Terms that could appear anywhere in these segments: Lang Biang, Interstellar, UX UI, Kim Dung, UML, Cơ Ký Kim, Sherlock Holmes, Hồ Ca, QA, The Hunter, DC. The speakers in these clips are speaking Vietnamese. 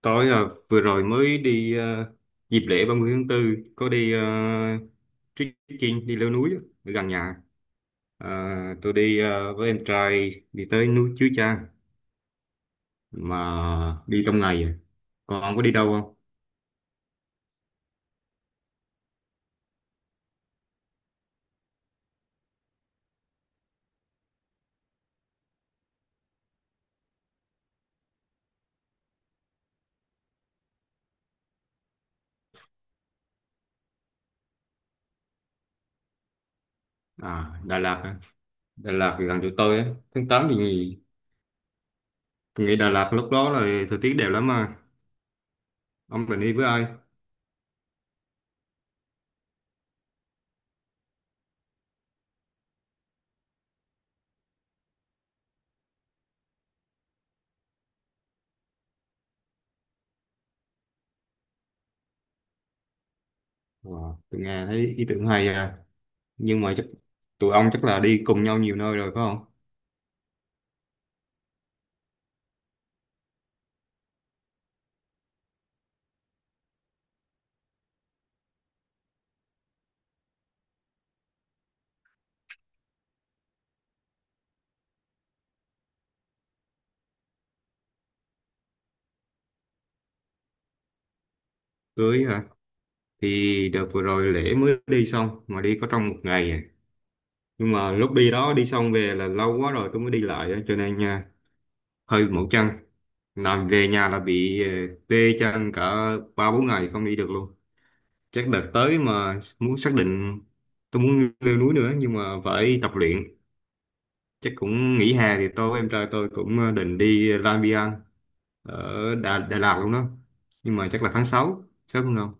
Tôi à, vừa rồi mới đi à, dịp lễ ba mươi tháng 4 có đi trekking đi leo núi á, ở gần nhà. À, tôi đi à, với em trai đi tới núi Chúa Cha mà đi trong ngày. À. Còn ông có đi đâu không? À, Đà Lạt. Á. Đà Lạt thì gần chỗ tôi á. Tháng 8 thì nghỉ, tôi nghĩ Đà Lạt lúc đó là thời tiết đẹp lắm mà. Ông định đi với ai? Wow, tôi nghe thấy ý tưởng hay à. Nhưng mà chắc tụi ông chắc là đi cùng nhau nhiều nơi rồi phải không? Cưới hả? Thì đợt vừa rồi lễ mới đi xong mà đi có trong một ngày à. Nhưng mà lúc đi đó đi xong về là lâu quá rồi tôi mới đi lại á, cho nên nha hơi mỏi chân, làm về nhà là bị tê chân cả ba bốn ngày không đi được luôn. Chắc đợt tới mà muốn xác định tôi muốn leo núi nữa nhưng mà phải tập luyện, chắc cũng nghỉ hè thì tôi với em trai tôi cũng định đi Lang Biang ở Đà Lạt luôn đó, nhưng mà chắc là tháng 6 sớm hơn không.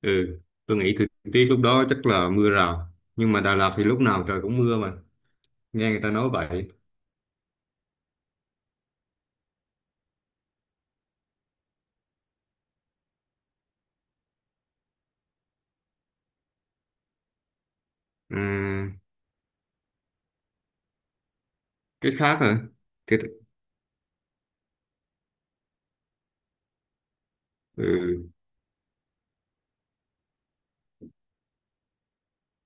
Ừ, tôi nghĩ thời tiết lúc đó chắc là mưa rào. Nhưng mà Đà Lạt thì lúc nào trời cũng mưa mà. Nghe người ta nói vậy. Ừm, cái khác hả? Cái, th- ừ,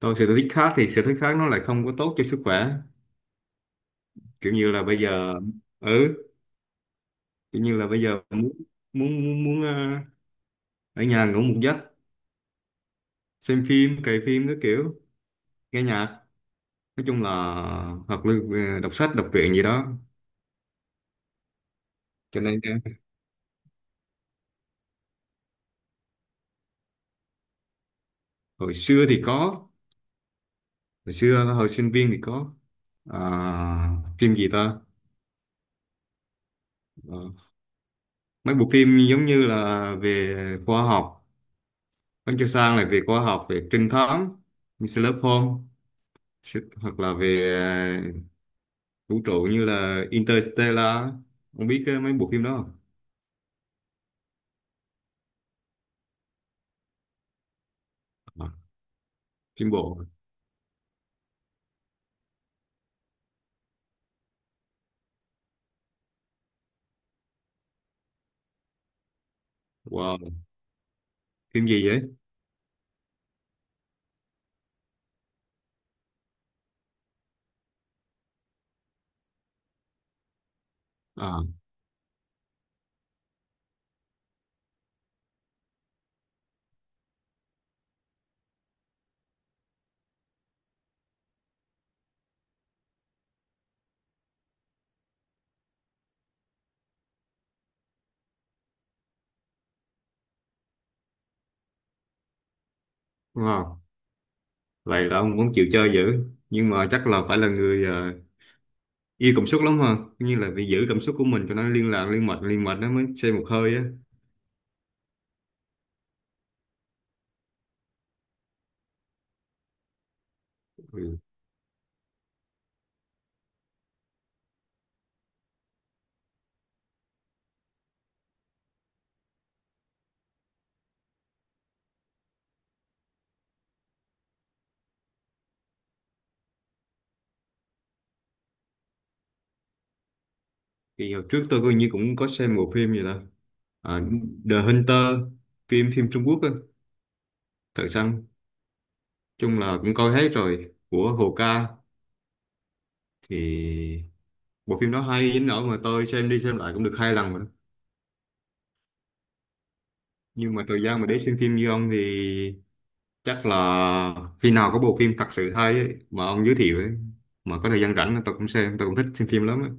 tôi sở thích khác thì sở thích khác nó lại không có tốt cho sức khỏe. Kiểu như là bây giờ... Ừ, kiểu như là bây giờ muốn ở nhà ngủ một giấc, xem phim, cày phim cái kiểu, nghe nhạc. Nói chung là hoặc là đọc sách, đọc truyện gì đó. Cho nên hồi xưa thì có, hồi sinh viên thì có. À, phim gì ta. Ờ, mấy bộ phim giống như là về khoa học, Bánh Cho Sang là về khoa học, về trinh thám như Sherlock Holmes. Hoặc là về ờ, vũ trụ như là Interstellar, không biết cái mấy bộ phim đó không. À, phim bộ. Wow, phim gì vậy? À. Wow, vậy là ông cũng chịu chơi dữ, nhưng mà chắc là phải là người yêu cảm xúc lắm ha, như là phải giữ cảm xúc của mình cho nó liên mạch nó mới xem một hơi á. Ừ. Thì hồi trước tôi coi như cũng có xem bộ phim gì đó. À, The Hunter, phim phim Trung Quốc á, thật săn, chung là cũng coi hết rồi của Hồ Ca. Thì bộ phim đó hay đến nỗi mà tôi xem đi xem lại cũng được 2 lần rồi đó. Nhưng mà thời gian mà để xem phim như ông thì chắc là khi nào có bộ phim thật sự hay ấy, mà ông giới thiệu ấy, mà có thời gian rảnh tôi cũng xem, tôi cũng thích xem phim lắm ấy.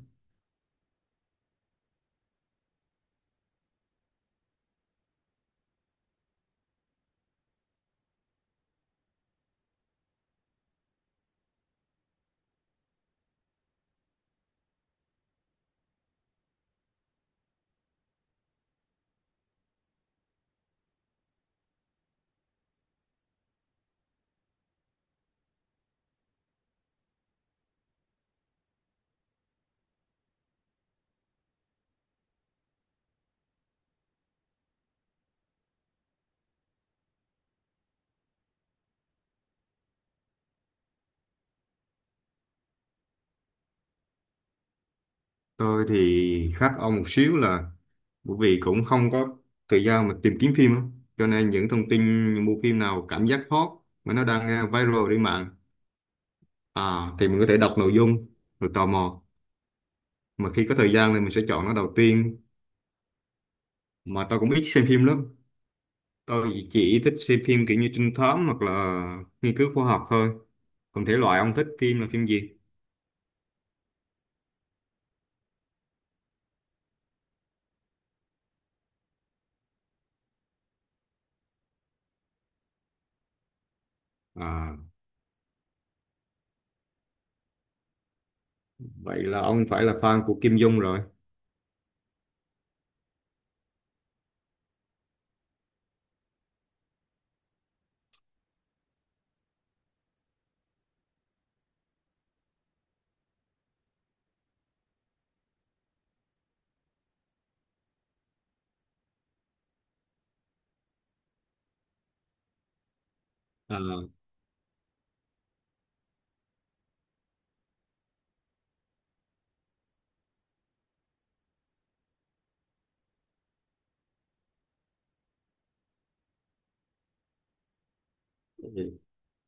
Tôi thì khác ông một xíu là bởi vì cũng không có thời gian mà tìm kiếm phim á. Cho nên những thông tin những bộ phim nào cảm giác hot mà nó đang à, viral trên mạng à, thì mình có thể đọc nội dung rồi tò mò, mà khi có thời gian thì mình sẽ chọn nó đầu tiên. Mà tôi cũng ít xem phim lắm, tôi chỉ thích xem phim kiểu như trinh thám hoặc là nghiên cứu khoa học thôi. Còn thể loại ông thích phim là phim gì? À, vậy là ông phải là fan của Kim Dung rồi. À,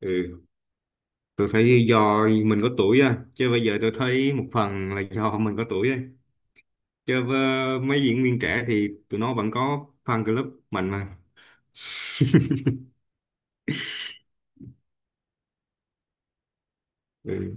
ừ. Tôi thấy do mình có tuổi á, chứ bây giờ tôi thấy một phần là do mình có tuổi á, chơi với mấy diễn viên trẻ thì tụi nó vẫn có fan club mạnh mà. Ừ.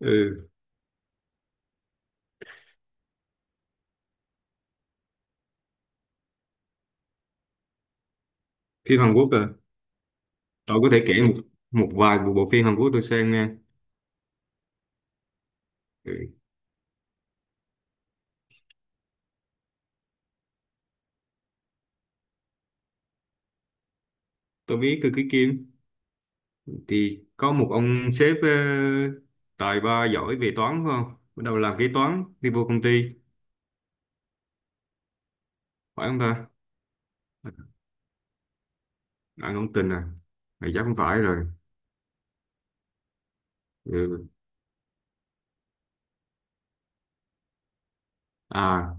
Ừ. Phim Hàn Quốc à? Tôi có thể kể một một vài bộ phim Hàn Quốc tôi xem nha. Ừ. Tôi biết Cơ Ký Kim, thì có một ông sếp tài ba giỏi về toán phải không, bắt đầu làm kế toán đi vô công ty, phải không ta? Anh không tin à? Mày chắc không phải rồi. Ừ. À.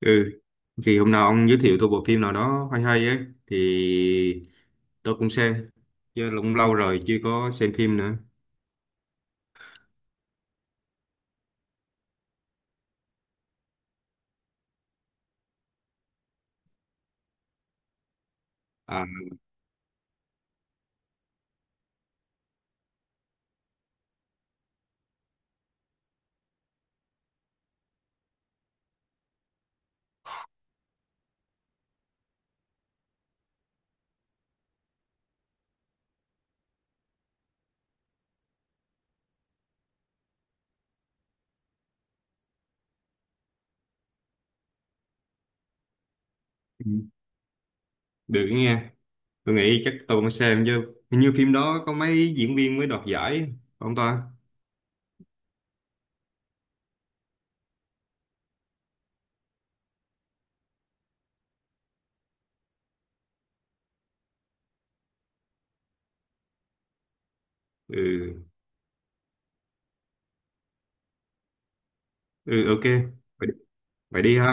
Ừ, thì hôm nào ông giới thiệu tôi bộ phim nào đó hay hay ấy thì tôi cũng xem chứ, cũng lâu rồi chưa có xem phim nữa. À, được nghe. Tôi nghĩ chắc tôi cũng xem chứ, hình như phim đó có mấy diễn viên mới đoạt giải, không ta? Ừ. Ừ, ok. Vậy, vậy đi ha.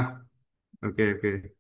Ok, ok.